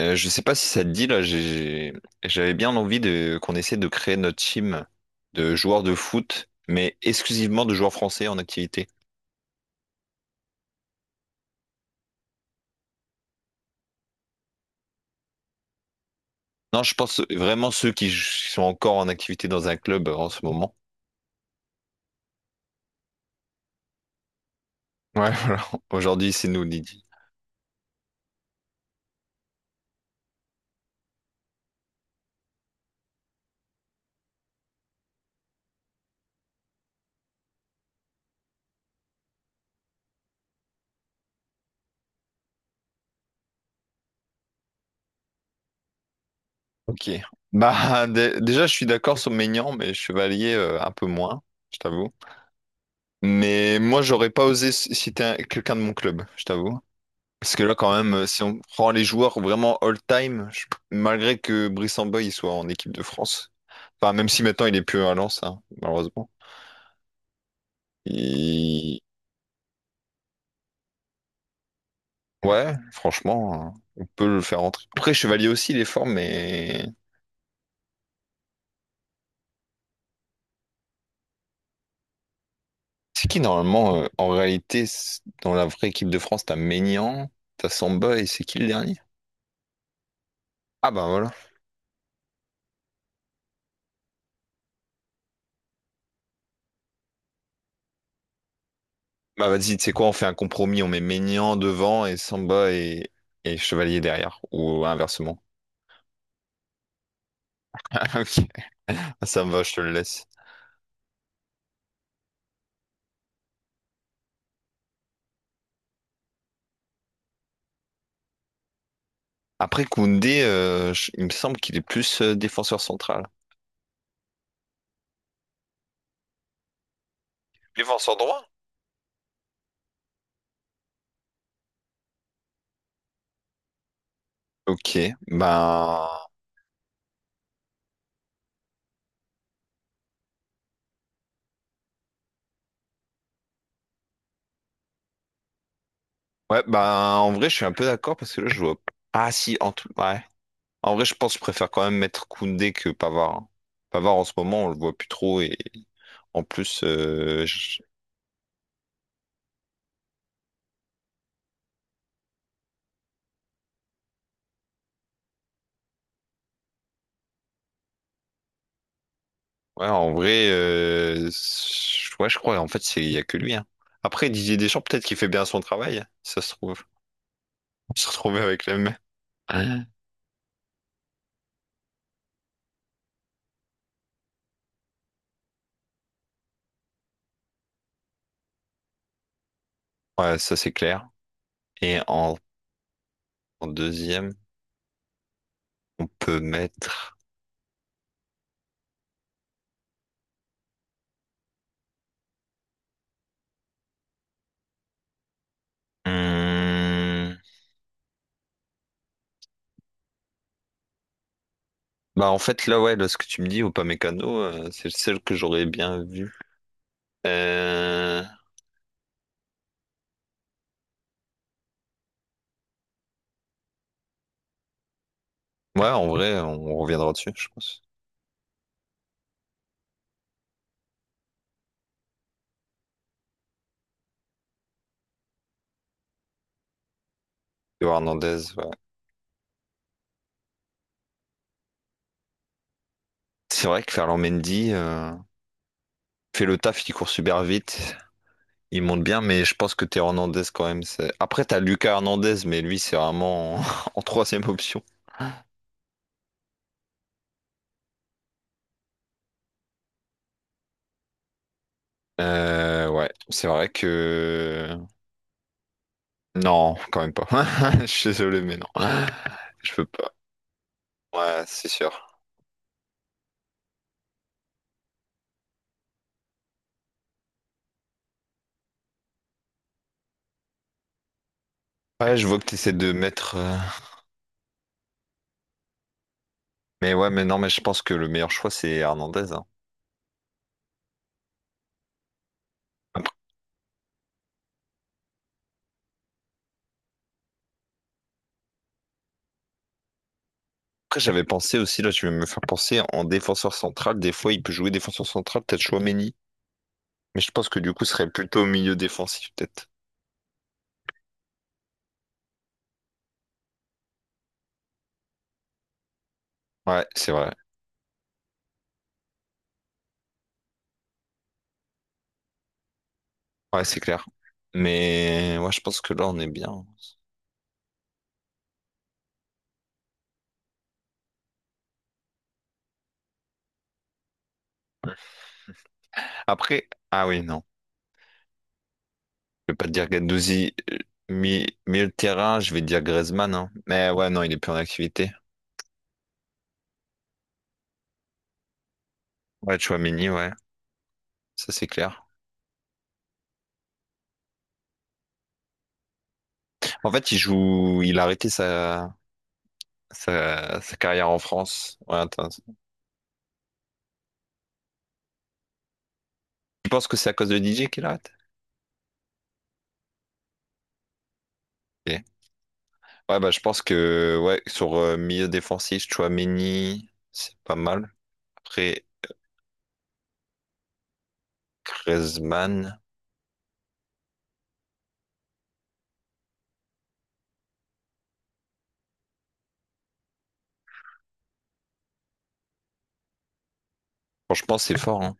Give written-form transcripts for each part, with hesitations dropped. Je sais pas si ça te dit là, j'avais bien envie de qu'on essaie de créer notre team de joueurs de foot, mais exclusivement de joueurs français en activité. Non, je pense vraiment ceux qui sont encore en activité dans un club en ce moment. Ouais, voilà. Aujourd'hui, c'est nous, Lydie. Ok. Bah, déjà, je suis d'accord sur Maignan, mais Chevalier un peu moins, je t'avoue. Mais moi, j'aurais pas osé citer quelqu'un de mon club, je t'avoue. Parce que là, quand même, si on prend les joueurs vraiment all-time, malgré que Brice Samba il soit en équipe de France, enfin, même si maintenant il est plus à Lens, hein, malheureusement. Il- Ouais, franchement, on peut le faire entrer. Après, Chevalier aussi, il est fort, mais c'est qui normalement, en réalité, dans la vraie équipe de France, t'as Maignan, t'as Samba et c'est qui le dernier? Ah bah voilà. Bah vas-y, tu sais quoi, on fait un compromis, on met Maignan devant et Samba et Chevalier derrière, ou inversement. Ok. Ça me va, je te le laisse. Après Koundé, il me semble qu'il est plus défenseur central. Défenseur droit? Ok, ben ouais, ben en vrai, je suis un peu d'accord parce que là, je vois. Ah si, en tout, ouais. En vrai, je pense que je préfère quand même mettre Koundé que Pavard, hein. Pavard en ce moment, on le voit plus trop et en plus, ouais, en vrai, ouais, je crois. En fait, c'est il y a que lui, hein. Après, Didier Deschamps, peut-être qu'il fait bien son travail. Ça se trouve, on se retrouve avec les mêmes. Ouais, ça c'est clair. Et en en deuxième. On peut mettre. Hum, Bah en fait là ouais là ce que tu me dis ou pas mécano c'est celle que j'aurais bien vue. Euh, Ouais en vrai on reviendra dessus je pense. Théo Hernandez ouais. C'est vrai que Ferland Mendy fait le taf, il court super vite, il monte bien mais je pense que Théo Hernandez quand même c'est. Après t'as Lucas Hernandez mais lui c'est vraiment en… en troisième option. Ouais c'est vrai que non quand même pas. Je suis désolé mais non je peux pas. Ouais, c'est sûr. Ouais, je vois que tu essaies de mettre. Mais ouais, mais non, mais je pense que le meilleur choix, c'est Hernandez, hein. Après, après, j'avais pensé aussi, là, je vais me faire penser en défenseur central. Des fois, il peut jouer défenseur central, peut-être Chouameni. Mais je pense que du coup, ce serait plutôt au milieu défensif, peut-être. Ouais, c'est vrai. Ouais, c'est clair. Mais ouais, je pense que là, on est bien. Après, ah oui, non. Je vais pas te dire Gendouzi, milieu de terrain, je vais te dire Griezmann, hein. Mais ouais, non, il est plus en activité. Ouais, Chouameni, ouais, ça c'est clair. En fait, il joue, il a arrêté sa carrière en France. Ouais, attends. Tu penses que c'est à cause de DJ qu'il arrête? Ok. Ouais, bah, je pense que, ouais, sur milieu défensif, Chouameni, c'est pas mal. Après, Griezmann, franchement, c'est fort, hein.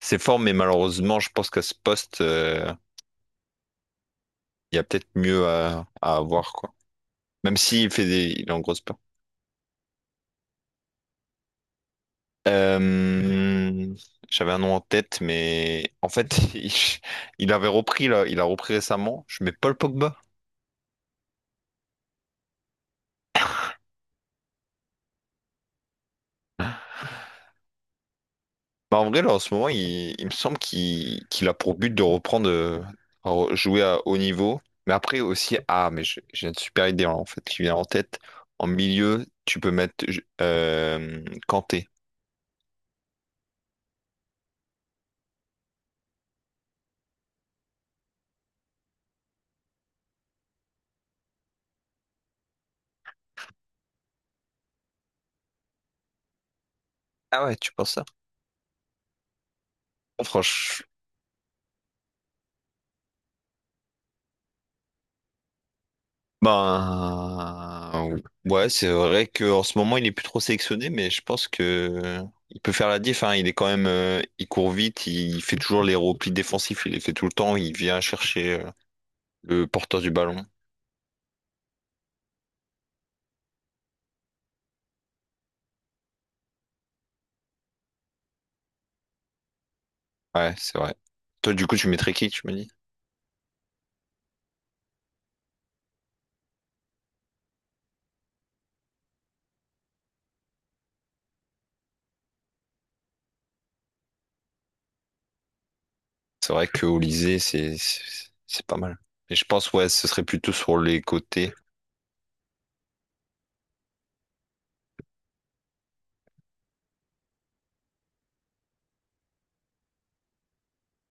C'est fort, mais malheureusement, je pense qu'à ce poste, il y a peut-être mieux à avoir, quoi. Même s'il fait des, il est en grosse Euh, j'avais un nom en tête, mais en fait, il avait repris là, il a repris récemment. Je mets Paul Pogba. Bah, en vrai, là, en ce moment, il me semble qu'il a pour but de reprendre, jouer à haut niveau. Mais après aussi, ah, mais j'ai une super idée hein, en fait qui vient en tête. En milieu, tu peux mettre Kanté. Ah ouais, tu penses ça? Franchement, Ben, ouais, c'est vrai qu'en ce moment, il est plus trop sélectionné, mais je pense que il peut faire la diff, hein. Il est quand même, il court vite, il fait toujours les replis défensifs, il les fait tout le temps, il vient chercher le porteur du ballon. Ouais, c'est vrai. Toi, du coup, tu mettrais qui, tu me dis? C'est vrai que Olysée, c'est pas mal. Mais je pense, ouais, ce serait plutôt sur les côtés,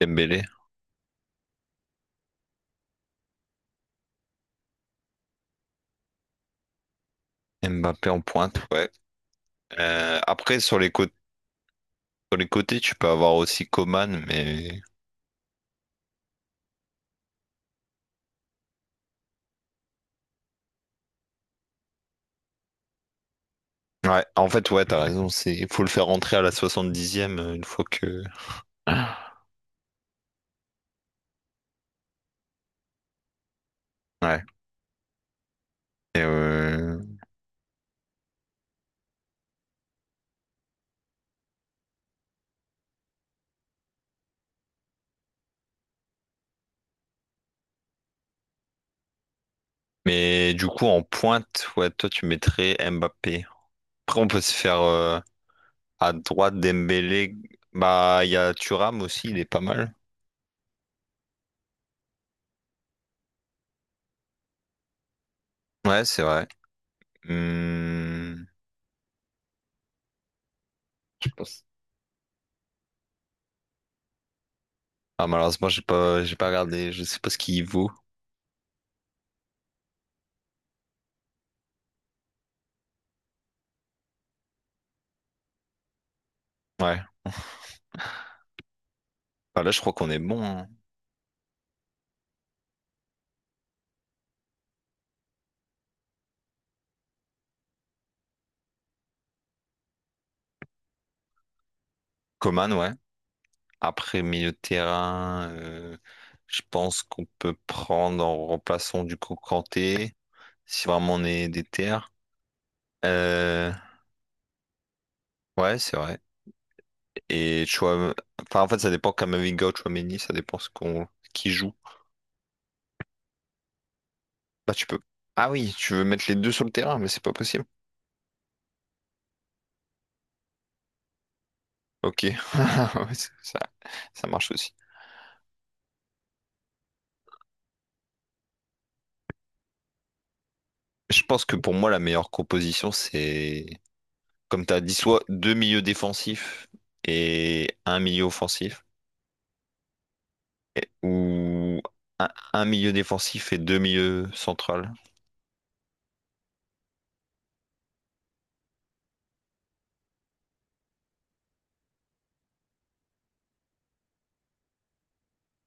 Dembélé, Mbappé en pointe, ouais. Après, sur les côtés, tu peux avoir aussi Coman, mais ouais, en fait, ouais, t'as raison, c'est, il faut le faire rentrer à la soixante dixième une fois que. Ouais. Et, mais du coup, en pointe, ouais, toi, tu mettrais Mbappé. Après, on peut se faire à droite Dembélé. Bah, il y a Thuram aussi, il est pas mal. Ouais, c'est vrai. Hum, Je pense. Ah, malheureusement, j'ai pas regardé, je sais pas ce qu'il vaut. Ouais. Bah, là, je crois qu'on est bon, hein. Coman, ouais. Après milieu de terrain, je pense qu'on peut prendre en remplaçant du coup Kanté, si vraiment on est des terres. Euh, ouais, c'est vrai. Et Chouam… enfin, en fait, ça dépend Kamavinga ou Tchouaméni, ça dépend ce qu'on qui joue. Bah, tu peux. Ah oui, tu veux mettre les deux sur le terrain, mais c'est pas possible. Ok, Ouais, ça marche aussi. Je pense que pour moi, la meilleure composition, c'est, comme tu as dit, soit deux milieux défensifs et un milieu offensif. Ou un milieu défensif et deux milieux centrales.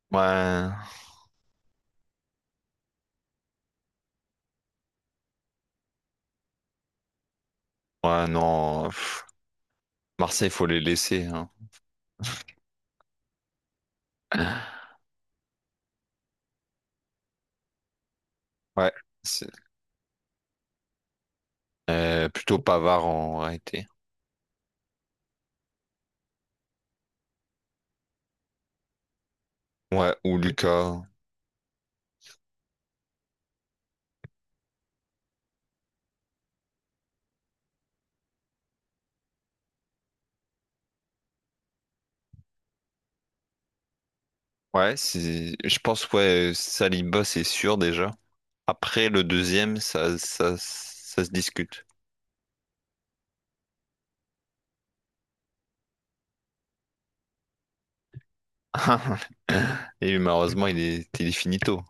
Ouais, ouais, non. Pff, Marseille, faut les laisser, hein. Ouais, c'est- plutôt Pavard en réalité. Ouais, ou Lucas. Ouais, c'est, je pense, ouais, Saliba, c'est sûr déjà. Après, le deuxième, ça se discute. Et malheureusement, il est finito.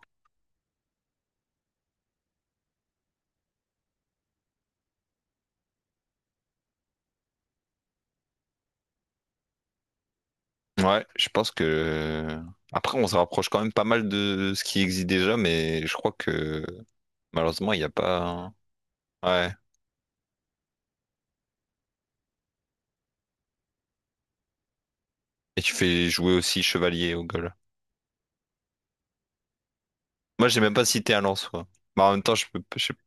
Ouais, je pense que. Après, on se rapproche quand même pas mal de ce qui existe déjà, mais je crois que malheureusement, il n'y a pas. Ouais. Et tu fais jouer aussi chevalier au goal. Moi, j'ai même pas cité un lance, quoi. Mais en même temps, je peux. Je sais pas.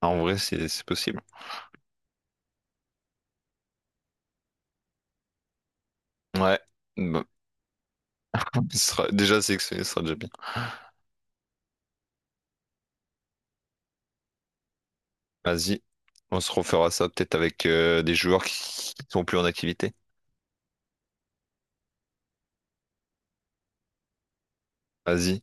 En vrai, c'est possible. Ouais. Bah, ce sera- déjà, c'est que ce sera déjà bien. Vas-y. On se refera ça peut-être avec des joueurs qui sont plus en activité. Vas-y.